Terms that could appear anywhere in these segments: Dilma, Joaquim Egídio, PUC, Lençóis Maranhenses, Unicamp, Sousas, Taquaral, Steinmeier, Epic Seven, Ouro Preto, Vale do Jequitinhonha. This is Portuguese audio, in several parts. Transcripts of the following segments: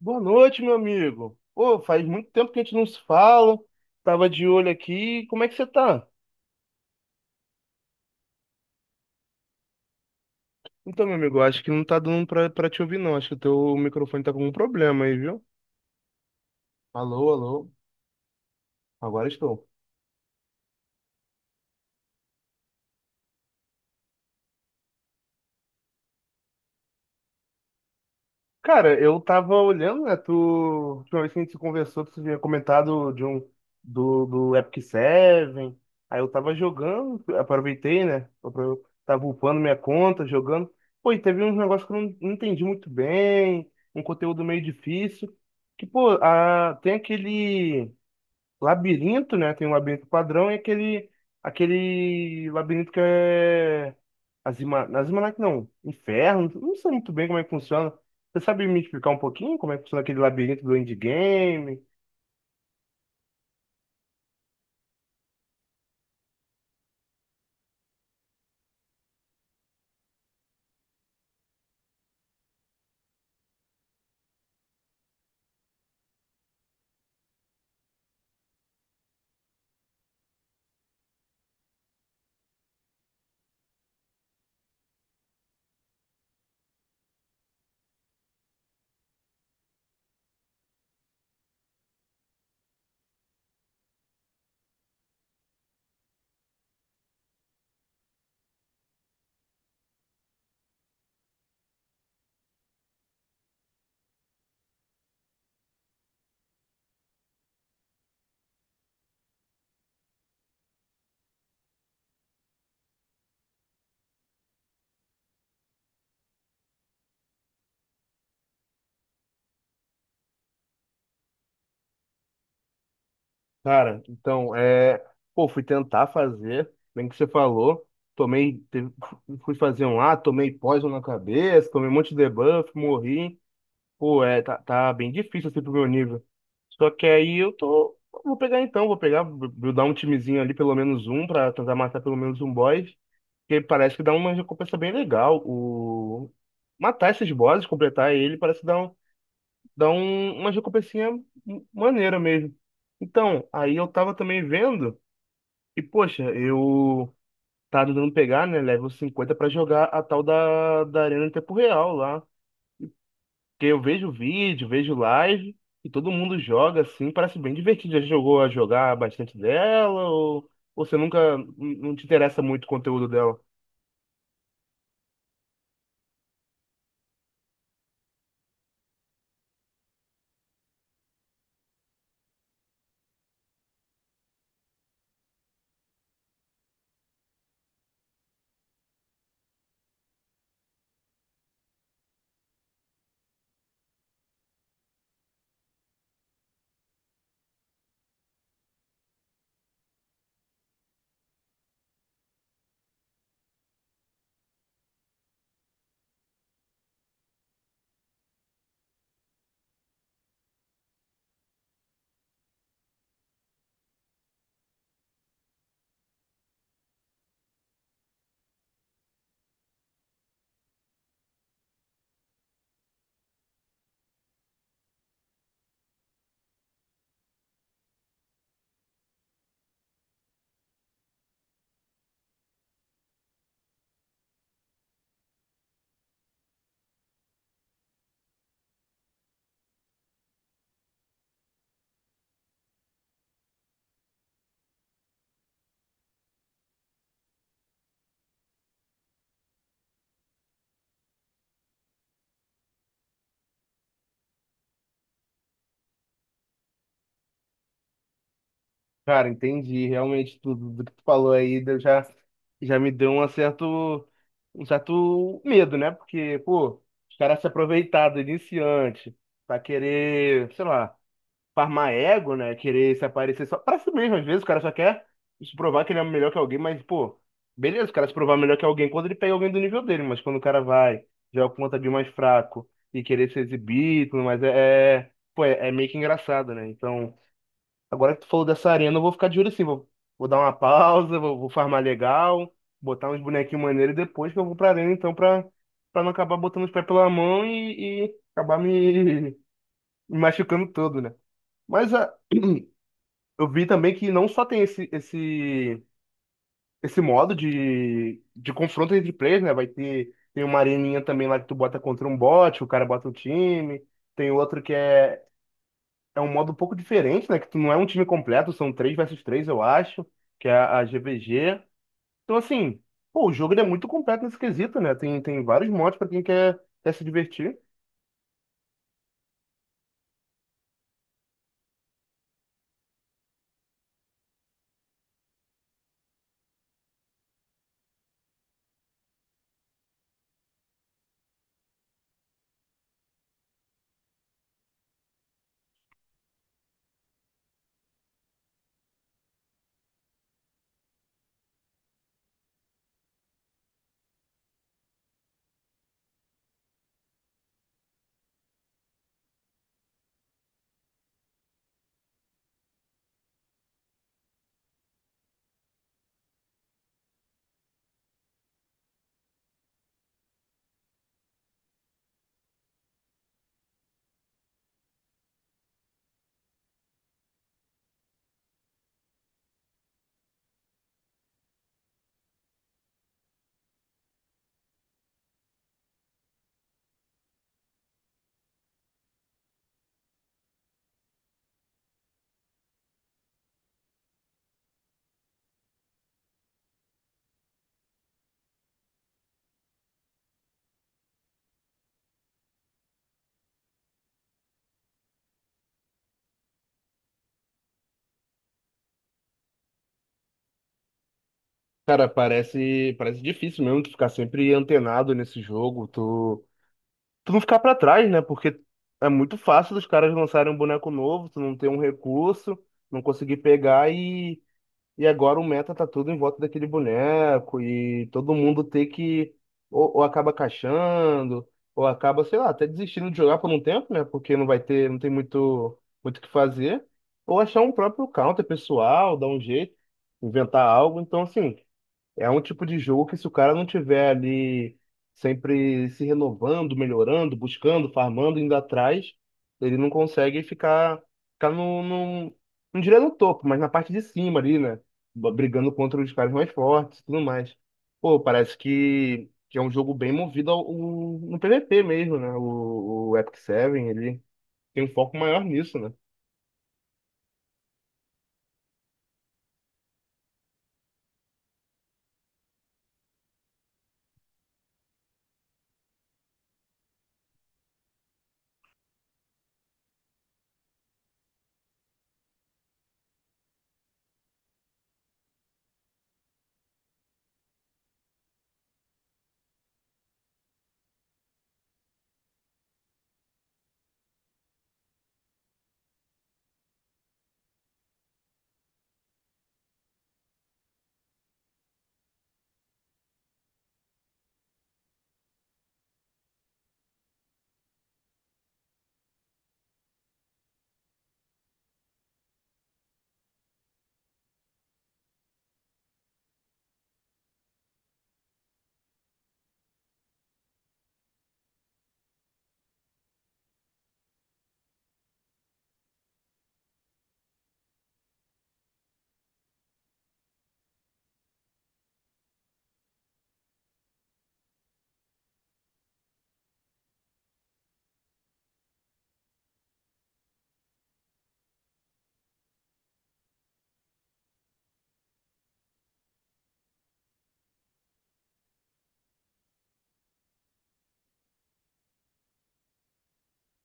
Boa noite, meu amigo. Pô, faz muito tempo que a gente não se fala. Tava de olho aqui. Como é que você tá? Então, meu amigo, eu acho que não tá dando pra te ouvir, não. Acho que o teu microfone tá com algum problema aí, viu? Alô, alô. Agora estou. Cara, eu tava olhando, né? Tu, última vez que a gente se conversou, tu tinha comentado de um do Epic Seven. Aí eu tava jogando, aproveitei, né? Tava upando minha conta, jogando. Pô, e teve uns negócios que eu não entendi muito bem, um conteúdo meio difícil. Que, pô, a, tem aquele. Labirinto, né? Tem um labirinto padrão e aquele labirinto que é Azima, Azimanac não, Inferno, não sei muito bem como é que funciona. Você sabe me explicar um pouquinho como é que funciona aquele labirinto do endgame? Cara, então, é. Pô, fui tentar fazer, bem que você falou. Tomei. Fui fazer um lá, tomei poison na cabeça, tomei um monte de debuff, morri. Pô, é, tá bem difícil assim pro meu nível. Só que aí eu tô. Vou pegar então, vou pegar, vou dar um timezinho ali, pelo menos um, pra tentar matar pelo menos um boss. Que parece que dá uma recompensa bem legal. O... Matar esses bosses, completar ele, parece dar um, uma recompensinha maneira mesmo. Então, aí eu tava também vendo, e poxa, eu tava tentando pegar, né, level 50 pra jogar a tal da Arena em tempo real lá. Porque eu vejo vídeo, vejo live e todo mundo joga assim, parece bem divertido. Já jogou a jogar bastante dela ou você nunca não te interessa muito o conteúdo dela? Cara, entendi. Realmente tudo do que tu falou aí já me deu um certo medo, né? Porque, pô, os caras se aproveitaram do iniciante pra querer, sei lá. Farmar ego, né? Querer se aparecer só pra si mesmo. Às vezes o cara só quer se provar que ele é melhor que alguém, mas, pô, beleza, o cara se provar melhor que alguém quando ele pega alguém do nível dele, mas quando o cara vai, joga contra de mais fraco e querer se exibir, e tudo mais, pô, é meio que engraçado, né? Então, agora que tu falou dessa arena, eu vou ficar de olho assim, vou, vou dar uma pausa, vou, vou farmar legal, botar uns bonequinhos maneiros e depois que eu vou pra arena, então, pra não acabar botando os pés pela mão e acabar me, me machucando todo, né? Mas a, eu vi também que não só tem esse modo de confronto entre players, né? Vai ter, tem uma areninha também lá que tu bota contra um bot, o cara bota um time. Tem outro que é um modo um pouco diferente, né? Que tu não é um time completo, são três versus três eu acho, que é a GVG. Então, assim, pô, o jogo ele é muito completo nesse quesito, né? Tem vários modos pra quem quer se divertir. Cara, parece difícil mesmo tu ficar sempre antenado nesse jogo. Tu não ficar pra trás, né? Porque é muito fácil dos caras lançarem um boneco novo, tu não ter um recurso, não conseguir pegar e agora o meta tá tudo em volta daquele boneco e todo mundo ter que ou acaba caixando, ou acaba, sei lá, até desistindo de jogar por um tempo, né? Porque não vai ter, não tem muito o que fazer, ou achar um próprio counter pessoal, dar um jeito, inventar algo. Então, assim, é um tipo de jogo que se o cara não tiver ali sempre se renovando, melhorando, buscando, farmando, indo atrás, ele não consegue ficar no não diria no topo, mas na parte de cima ali, né? Brigando contra os caras mais fortes e tudo mais. Pô, parece que é um jogo bem movido no PVP mesmo, né? O Epic Seven, ele tem um foco maior nisso, né?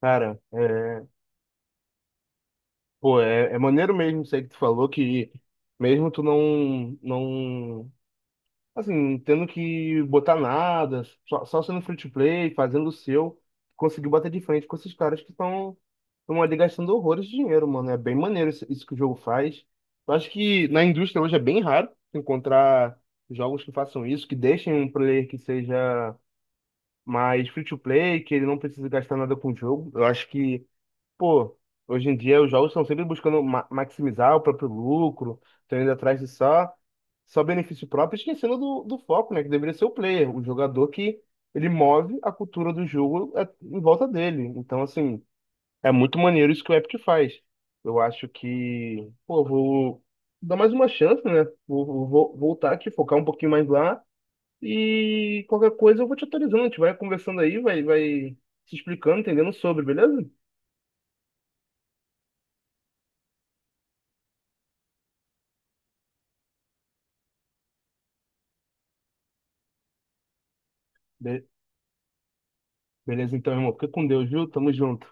Cara, é, pô, é, é maneiro mesmo isso aí que tu falou, que mesmo tu não assim, tendo que botar nada, só sendo free to play, fazendo o seu, conseguiu bater de frente com esses caras que estão ali gastando horrores de dinheiro, mano. É bem maneiro isso que o jogo faz. Eu acho que na indústria hoje é bem raro encontrar jogos que façam isso, que deixem um player que seja mais free to play, que ele não precisa gastar nada com o jogo. Eu acho que pô, hoje em dia os jogos estão sempre buscando maximizar o próprio lucro, estão indo atrás de só benefício próprio, esquecendo do foco, né? Que deveria ser o player, o jogador que ele move a cultura do jogo é, em volta dele. Então, assim, é muito maneiro isso que o Epic faz. Eu acho que, pô, eu vou dar mais uma chance, né? Vou voltar aqui, focar um pouquinho mais lá e qualquer coisa eu vou te atualizando. A gente vai conversando aí, vai se explicando, entendendo sobre, beleza? Beleza, então, irmão. Fica com Deus, viu? Tamo junto.